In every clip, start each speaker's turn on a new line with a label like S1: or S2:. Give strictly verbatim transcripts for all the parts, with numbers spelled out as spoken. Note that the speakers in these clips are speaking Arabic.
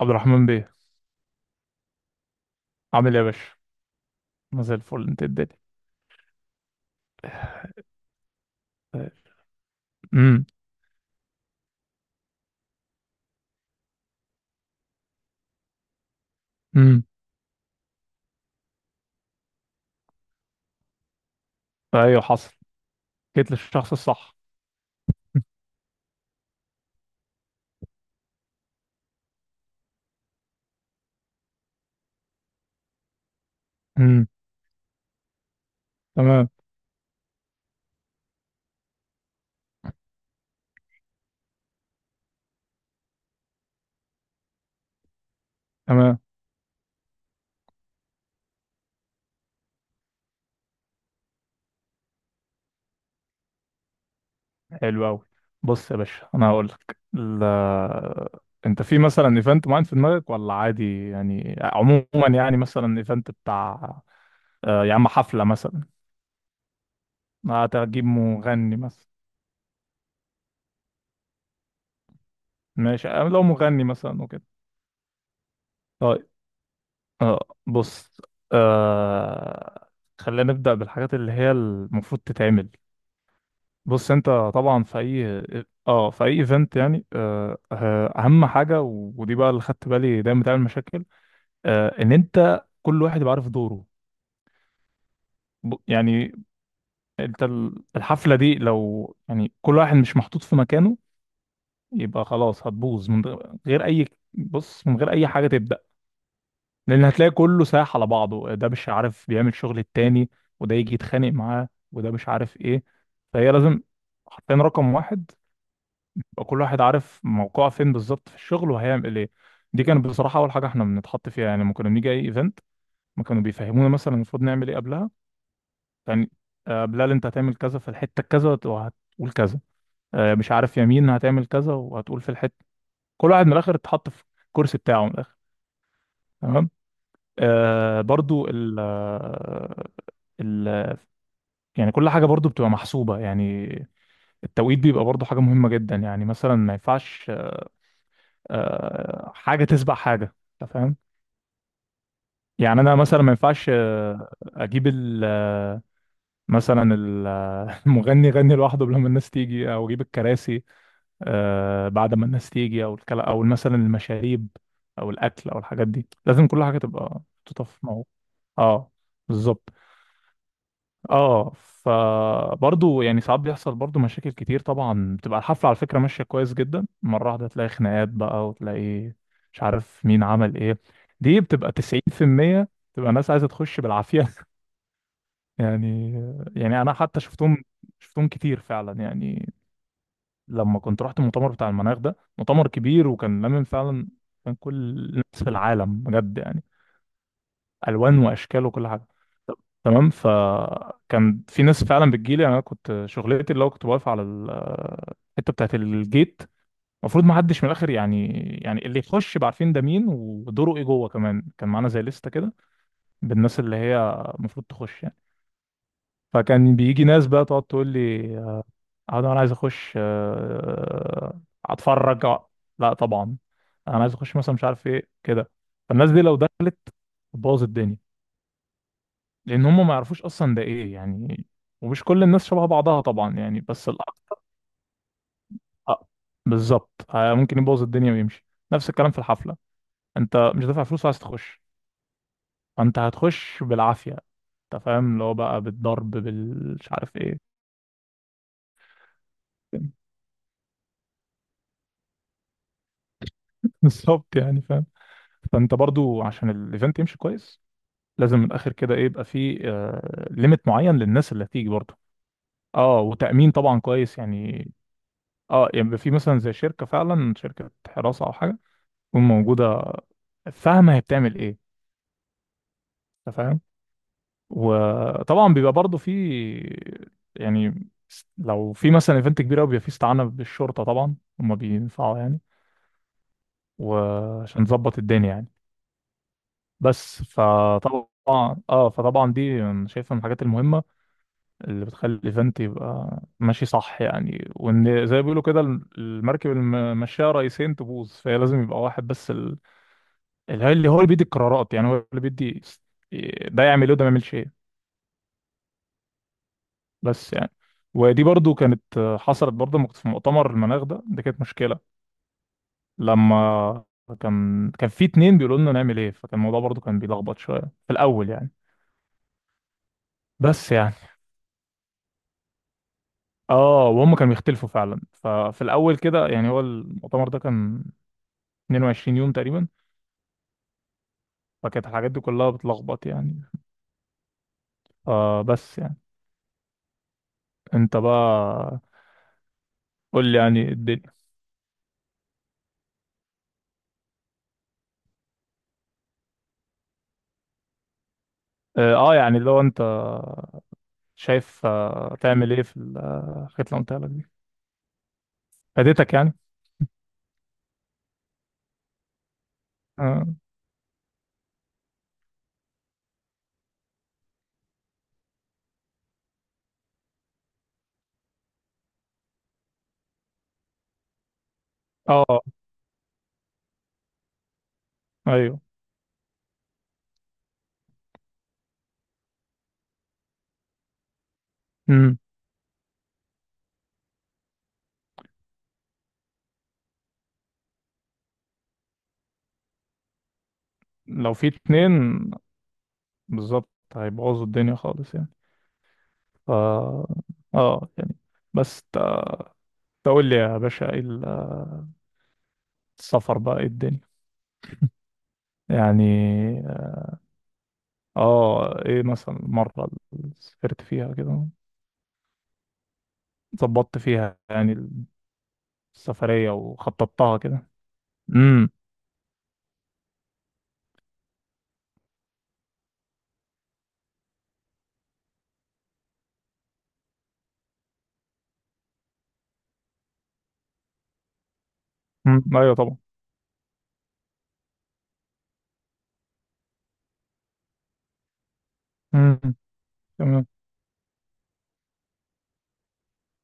S1: عبد الرحمن بيه. عامل ايه يا باشا؟ ما زي الفل، انت إيه الدنيا؟ امم. امم. ايوه حصل، جيت للشخص الصح. امم. تمام. تمام. حلو قوي. بص يا باشا انا هقول لك لا. انت في مثلا ايفنت معين في دماغك ولا عادي؟ يعني عموما يعني مثلا ايفنت بتاع آه يا عم حفله مثلا؟ هتجيب مغني مثلا؟ ماشي، آه، لو مغني مثلا وكده. طيب. آه. بص. آه. خلينا نبدأ بالحاجات اللي هي المفروض تتعمل. بص انت، طبعا في اي اه في اي ايفنت يعني آه، آه، اهم حاجه، و- ودي بقى اللي خدت بالي دايما بتعمل مشاكل، آه، ان انت كل واحد يبقى عارف دوره. ب- يعني انت ال- الحفله دي لو يعني كل واحد مش محطوط في مكانه يبقى خلاص هتبوظ من غ- غير اي. بص، من غير اي حاجه تبدا. لان هتلاقي كله سايح على بعضه، ده مش عارف بيعمل شغل التاني، وده يجي يتخانق معاه، وده مش عارف ايه. فهي لازم حرفيا رقم واحد يبقى كل واحد عارف موقعه فين بالظبط في الشغل وهيعمل ايه. دي كانت بصراحه اول حاجه احنا بنتحط فيها يعني، لما كنا بنيجي اي ايفنت ما كانوا بيفهمونا مثلا المفروض نعمل ايه قبلها. يعني آه، بلال انت هتعمل كذا في الحته كذا وهتقول كذا، آه، مش عارف يمين هتعمل كذا وهتقول في الحته. كل واحد من الاخر اتحط في الكرسي بتاعه من الاخر. تمام. آه برضو ال آه، ال يعني كل حاجه برضو بتبقى محسوبه يعني. التوقيت بيبقى برضو حاجه مهمه جدا، يعني مثلا ما ينفعش آه، حاجه تسبق حاجه. أنت فاهم؟ يعني انا مثلا ما ينفعش آه، اجيب ال آه، مثلا ال- آه، المغني يغني لوحده قبل ما الناس تيجي، او اجيب الكراسي آه، بعد ما الناس تيجي، او الكلا او مثلا المشاريب او الاكل او الحاجات دي. لازم كل حاجه تبقى محطوطه في مو. اه بالظبط. اه فبرضه يعني ساعات بيحصل برضه مشاكل كتير طبعا. بتبقى الحفله على فكره ماشيه كويس جدا، مره واحده تلاقي خناقات بقى، وتلاقي مش عارف مين عمل ايه. دي بتبقى تسعين في المية. تبقى الناس عايزه تخش بالعافيه يعني. يعني انا حتى شفتهم شفتهم كتير فعلا يعني، لما كنت رحت المؤتمر بتاع المناخ ده. مؤتمر كبير وكان لامم فعلا. كان كل الناس في العالم بجد يعني. الوان واشكال وكل حاجه. تمام. فكان في ناس فعلا بتجيلي. يعني انا كنت شغلتي اللي هو كنت واقف على ال- الحته بتاعت الجيت، المفروض ما حدش من الاخر يعني. يعني اللي يخش يبقى عارفين ده مين ودوره ايه جوه. كمان كان معانا زي لستة كده بالناس اللي هي المفروض تخش يعني. فكان بيجي ناس بقى تقعد تقول لي: اه، ده انا عايز اخش، آه، اتفرج آه. لا طبعا. انا عايز اخش مثلا مش عارف ايه كده. فالناس دي لو دخلت تبوظ الدنيا، لان هم ما يعرفوش اصلا ده ايه يعني. ومش كل الناس شبه بعضها طبعا يعني، بس الاكتر آه، بالظبط آه، ممكن يبوظ الدنيا ويمشي. نفس الكلام في الحفله، انت مش دافع فلوس وعايز تخش، فانت هتخش بالعافيه. انت فاهم، اللي هو بقى بالضرب بالمش عارف ايه. بالظبط يعني فاهم. فانت برضو عشان الايفنت يمشي كويس لازم من الاخر كده ايه، يبقى في ليميت معين للناس اللي هتيجي برضه. اه، وتامين طبعا كويس يعني. اه، يعني يبقى في مثلا زي شركه، فعلا شركه حراسه او حاجه تكون موجوده فاهمه هي بتعمل ايه. انت فاهم؟ وطبعا بيبقى برضه في، يعني س- لو في مثلا ايفنت كبير قوي بيبقى في استعانه بالشرطه، طبعا هم بينفعوا يعني وعشان نظبط الدنيا يعني. بس فطبعا، اه فطبعا دي أنا شايفها من الحاجات المهمه اللي بتخلي فانت يبقى ماشي صح يعني. وان زي ما بيقولوا كده، الم- المركب اللي ماشيه رئيسين تبوظ. فهي لازم يبقى واحد بس، ال- اللي هو اللي هو اللي بيدي القرارات. يعني هو اللي بيدي س- ده يعمل ايه وده ما يعملش ايه. بس يعني ودي برضو كانت آه، حصلت برضو لما كنت في مؤتمر المناخ ده. دي كانت مشكله لما كان كان في اتنين بيقولوا لنا نعمل ايه، فكان الموضوع برضو كان بيلخبط شويه في الاول يعني. بس يعني، اه وهم كانوا بيختلفوا فعلا. ففي الاول كده يعني، هو المؤتمر ده كان اتنين وعشرين يوم تقريبا، فكانت الحاجات دي كلها بتلخبط يعني. فبس يعني، انت بقى قول لي يعني الدنيا. اه آه، يعني لو انت شايف آه، تعمل ايه في ال- آه، الحاجات اللي قلتها لك دي، فادتك يعني؟ اه آه، ايوه. امم. لو في اتنين بالظبط هيبوظوا الدنيا خالص يعني. ف اه آه، يعني بس تا- تقول لي يا باشا، ايه ال- آه، السفر بقى؟ ايه الدنيا يعني؟ اه آه، ايه مثلا المرة اللي سافرت فيها كده ظبطت فيها يعني السفرية وخططتها كده؟ امم. أمم، ايوه طبعا. امم. تمام،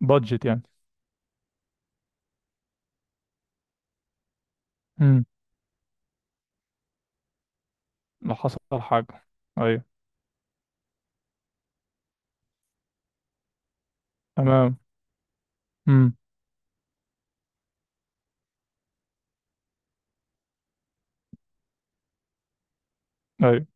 S1: بادجت يعني. امم. لو حصل حاجة. ايوه. تمام. امم. ايوه.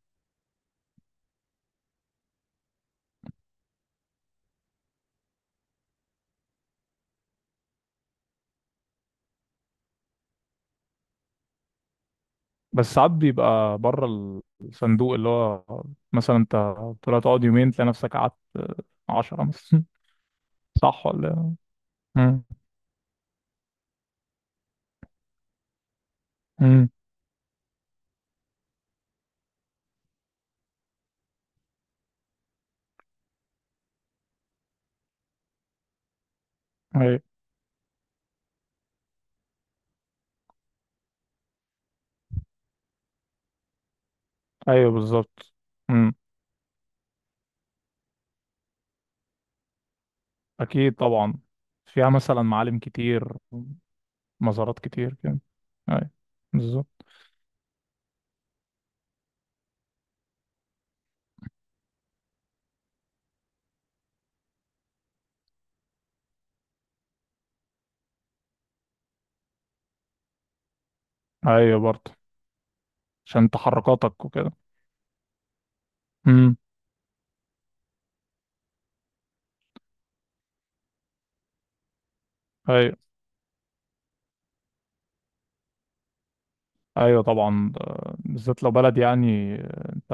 S1: بس ساعات بيبقى بره الصندوق، اللي هو مثلا انت طلعت تقعد يومين تلاقي نفسك قعدت عشرة مثلا. صح ولا إيه؟ امم. امم. ايوه. ايوه بالظبط. امم اكيد طبعا. فيها مثلا معالم كتير، مزارات كتير كده. ايوه بالظبط. ايوه برضه، عشان تحركاتك وكده. امم. ايوه. ايوه طبعا آه، بالذات لو بلد يعني آه، انت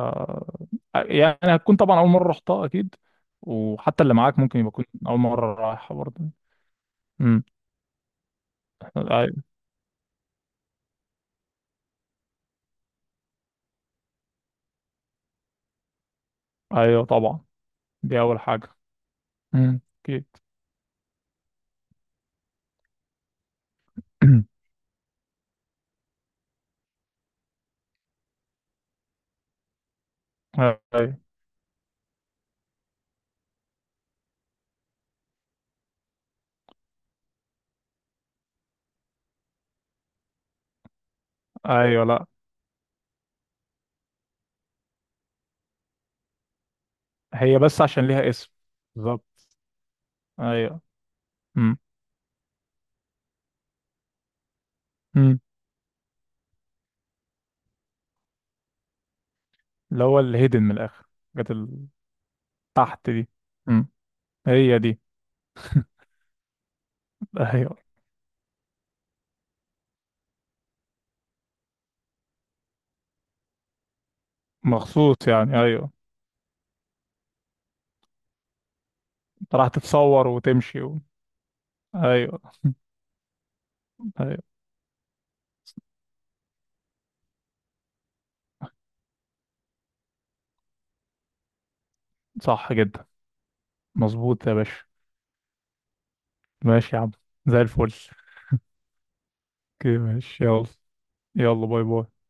S1: يعني هتكون طبعا اول مره رحتها اكيد، وحتى اللي معاك ممكن يبقى يكون اول مره رايحه برضه. امم. ايوه. ايوه طبعا، دي اول حاجه. امم اكيد. ايوه. ايوه لا، هي بس عشان ليها اسم. بالظبط. ايوه. امم. امم. اللي هو الهيدن من الاخر، الحاجات اللي تحت دي. امم. هي دي. ايوه، مخصوص يعني. ايوه. راح تتصور وتمشي و... ايوه. ايوه. صح جدا. مظبوط يا باشا. ماشي يا عم، زي الفل. كده ماشي، يلا. يلا باي باي.